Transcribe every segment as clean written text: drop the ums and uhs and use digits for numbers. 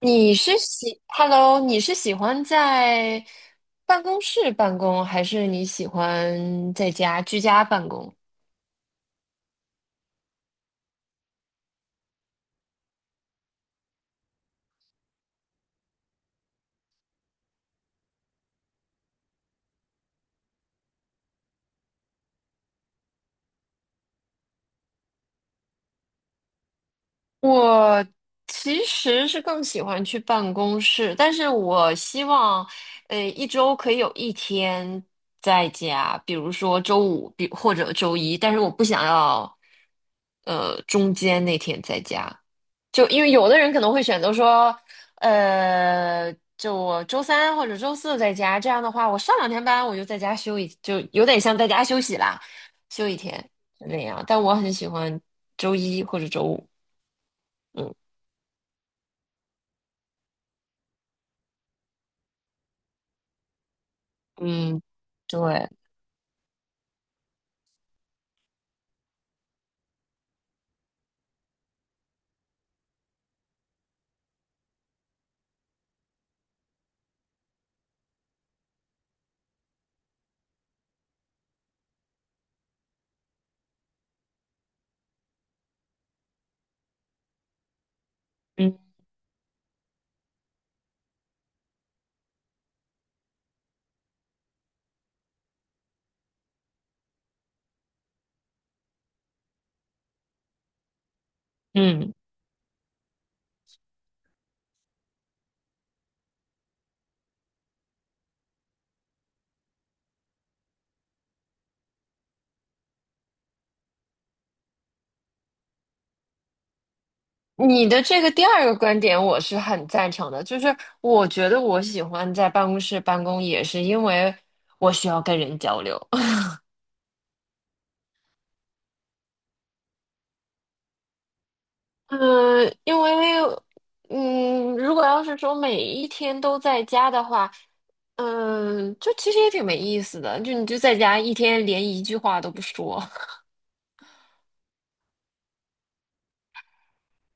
你是喜，Hello，你是喜欢在办公室办公，还是你喜欢在家居家办公？我其实是更喜欢去办公室，但是我希望，一周可以有一天在家，比如说周五，或者周一，但是我不想要，中间那天在家。就因为有的人可能会选择说，就我周三或者周四在家，这样的话，我上两天班我就在家就有点像在家休息啦，休一天就那样。但我很喜欢周一或者周五。嗯嗯，对，嗯嗯。你的这个第二个观点，我是很赞成的。就是我觉得我喜欢在办公室办公，也是因为我需要跟人交流。嗯，因为如果要是说每一天都在家的话，嗯，就其实也挺没意思的，就你就在家一天连一句话都不说。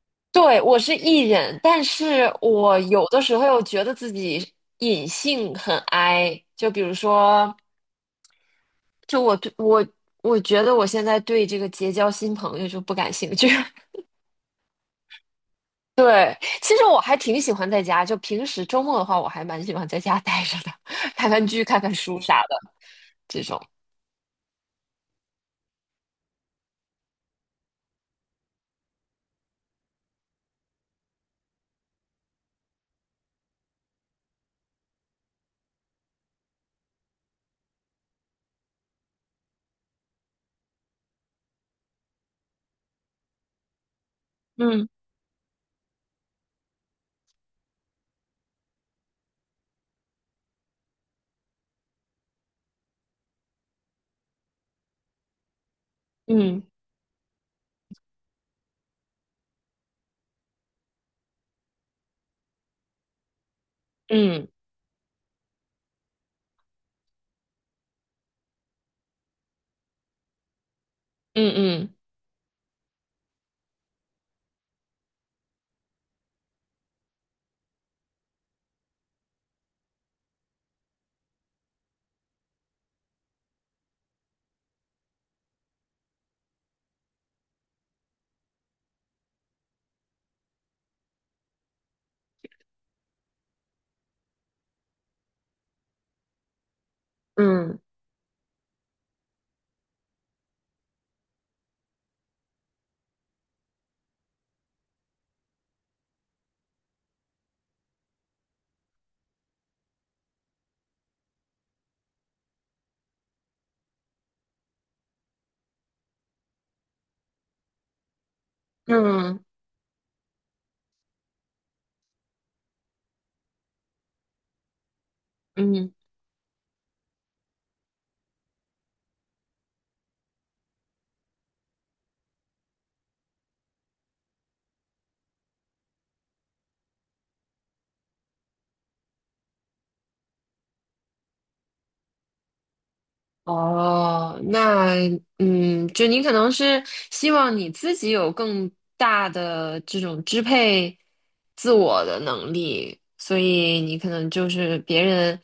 对，我是 E 人，但是我有的时候又觉得自己隐性很 I，就比如说，就我对我我觉得我现在对这个结交新朋友就不感兴趣。对，其实我还挺喜欢在家，就平时周末的话，我还蛮喜欢在家待着的，看看剧、看看书啥的这种。嗯嗯嗯嗯嗯嗯嗯嗯嗯。嗯嗯哦，那就你可能是希望你自己有更大的这种支配自我的能力，所以你可能就是别人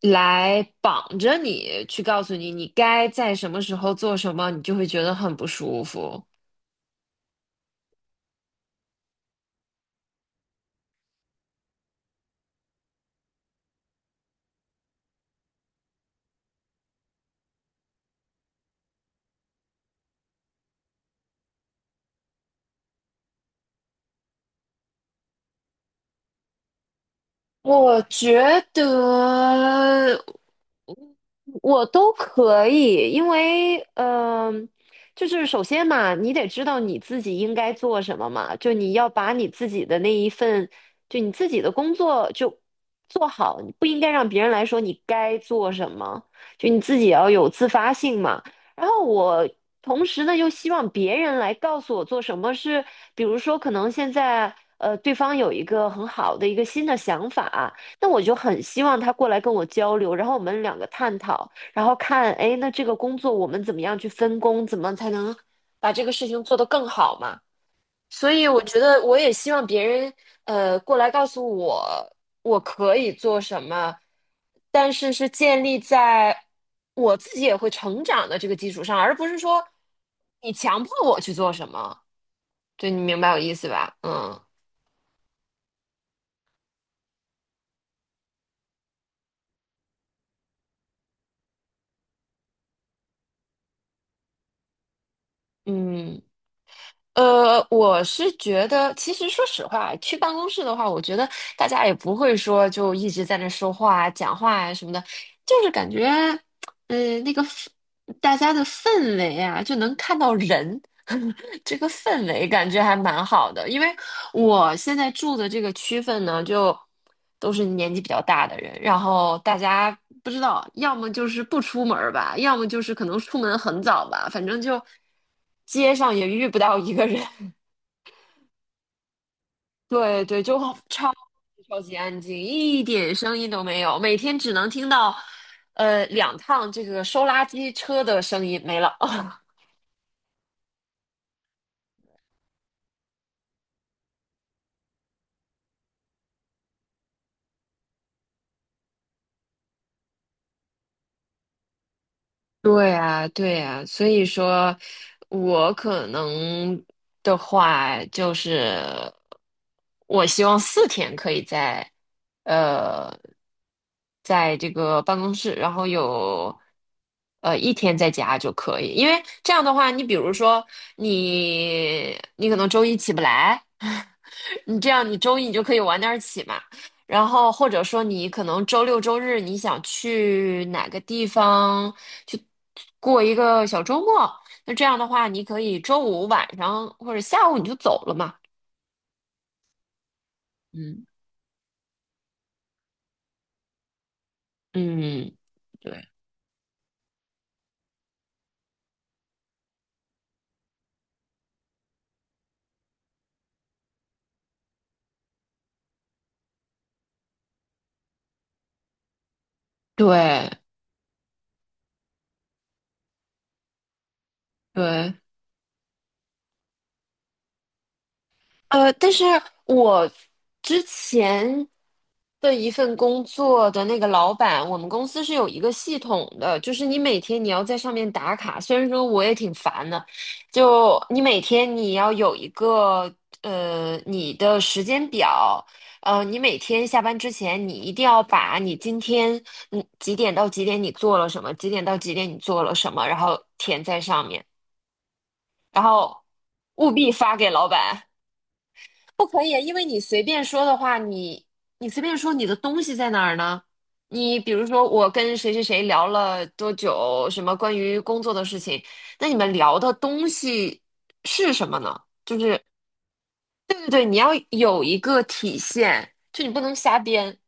来绑着你去告诉你你该在什么时候做什么，你就会觉得很不舒服。我觉得。我都可以，因为就是首先嘛，你得知道你自己应该做什么嘛，就你要把你自己的那一份，就你自己的工作就做好，你不应该让别人来说你该做什么，就你自己要有自发性嘛。然后我同时呢，又希望别人来告诉我做什么是，比如说可能现在对方有一个很好的一个新的想法。那我就很希望他过来跟我交流，然后我们两个探讨，然后看，哎，那这个工作我们怎么样去分工，怎么才能把这个事情做得更好嘛？所以我觉得我也希望别人过来告诉我我可以做什么，但是是建立在我自己也会成长的这个基础上，而不是说你强迫我去做什么。对，你明白我意思吧？嗯嗯。我是觉得，其实说实话，去办公室的话，我觉得大家也不会说就一直在那说话啊、讲话呀、什么的，就是感觉，那个氛大家的氛围啊，就能看到人，这个氛围感觉还蛮好的，因为我现在住的这个区份呢，就都是年纪比较大的人，然后大家不知道，要么就是不出门儿吧，要么就是可能出门很早吧，反正就街上也遇不到一个人。对对，就超超级安静，一点声音都没有，每天只能听到两趟这个收垃圾车的声音没了。对啊，对啊，所以说，我可能的话就是，我希望四天可以在，呃，在这个办公室，然后有，一天在家就可以，因为这样的话，你比如说你可能周一起不来，你这样，你周一你就可以晚点儿起嘛，然后或者说你可能周六周日你想去哪个地方去过一个小周末，那这样的话，你可以周五晚上或者下午你就走了嘛。嗯，嗯，对，对对，但是我之前的一份工作的那个老板，我们公司是有一个系统的，就是你每天你要在上面打卡。虽然说我也挺烦的，就你每天你要有一个你的时间表，你每天下班之前你一定要把你今天几点到几点你做了什么，几点到几点你做了什么，然后填在上面，然后务必发给老板。不可以啊，因为你随便说的话，你随便说你的东西在哪儿呢？你比如说，我跟谁谁谁聊了多久，什么关于工作的事情，那你们聊的东西是什么呢？就是对对对，你要有一个体现，就你不能瞎编。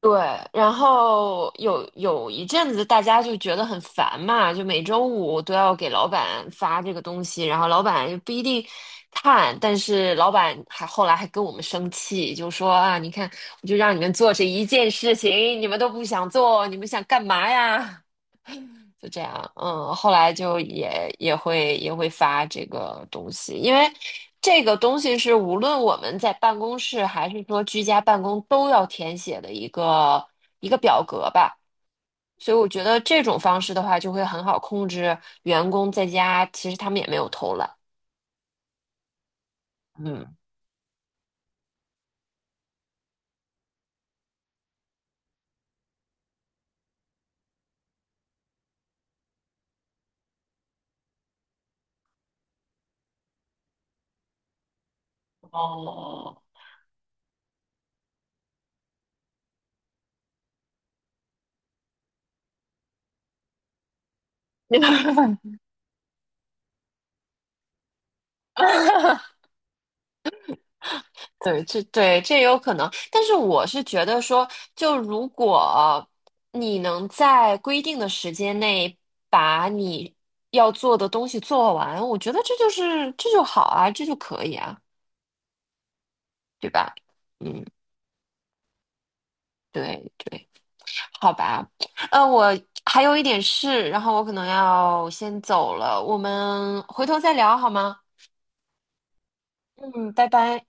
对，然后有一阵子大家就觉得很烦嘛，就每周五都要给老板发这个东西，然后老板又不一定看，但是老板还后来还跟我们生气，就说啊，你看，我就让你们做这一件事情，你们都不想做，你们想干嘛呀？就这样，嗯，后来就也会发这个东西，因为这个东西是无论我们在办公室还是说居家办公都要填写的一个表格吧，所以我觉得这种方式的话就会很好控制员工在家，其实他们也没有偷懒，嗯，哦，对，这也有可能，但是我是觉得说，就如果你能在规定的时间内把你要做的东西做完，我觉得这就好啊，这就可以啊，对吧？嗯，对对，好吧。我还有一点事，然后我可能要先走了，我们回头再聊好吗？嗯，拜拜。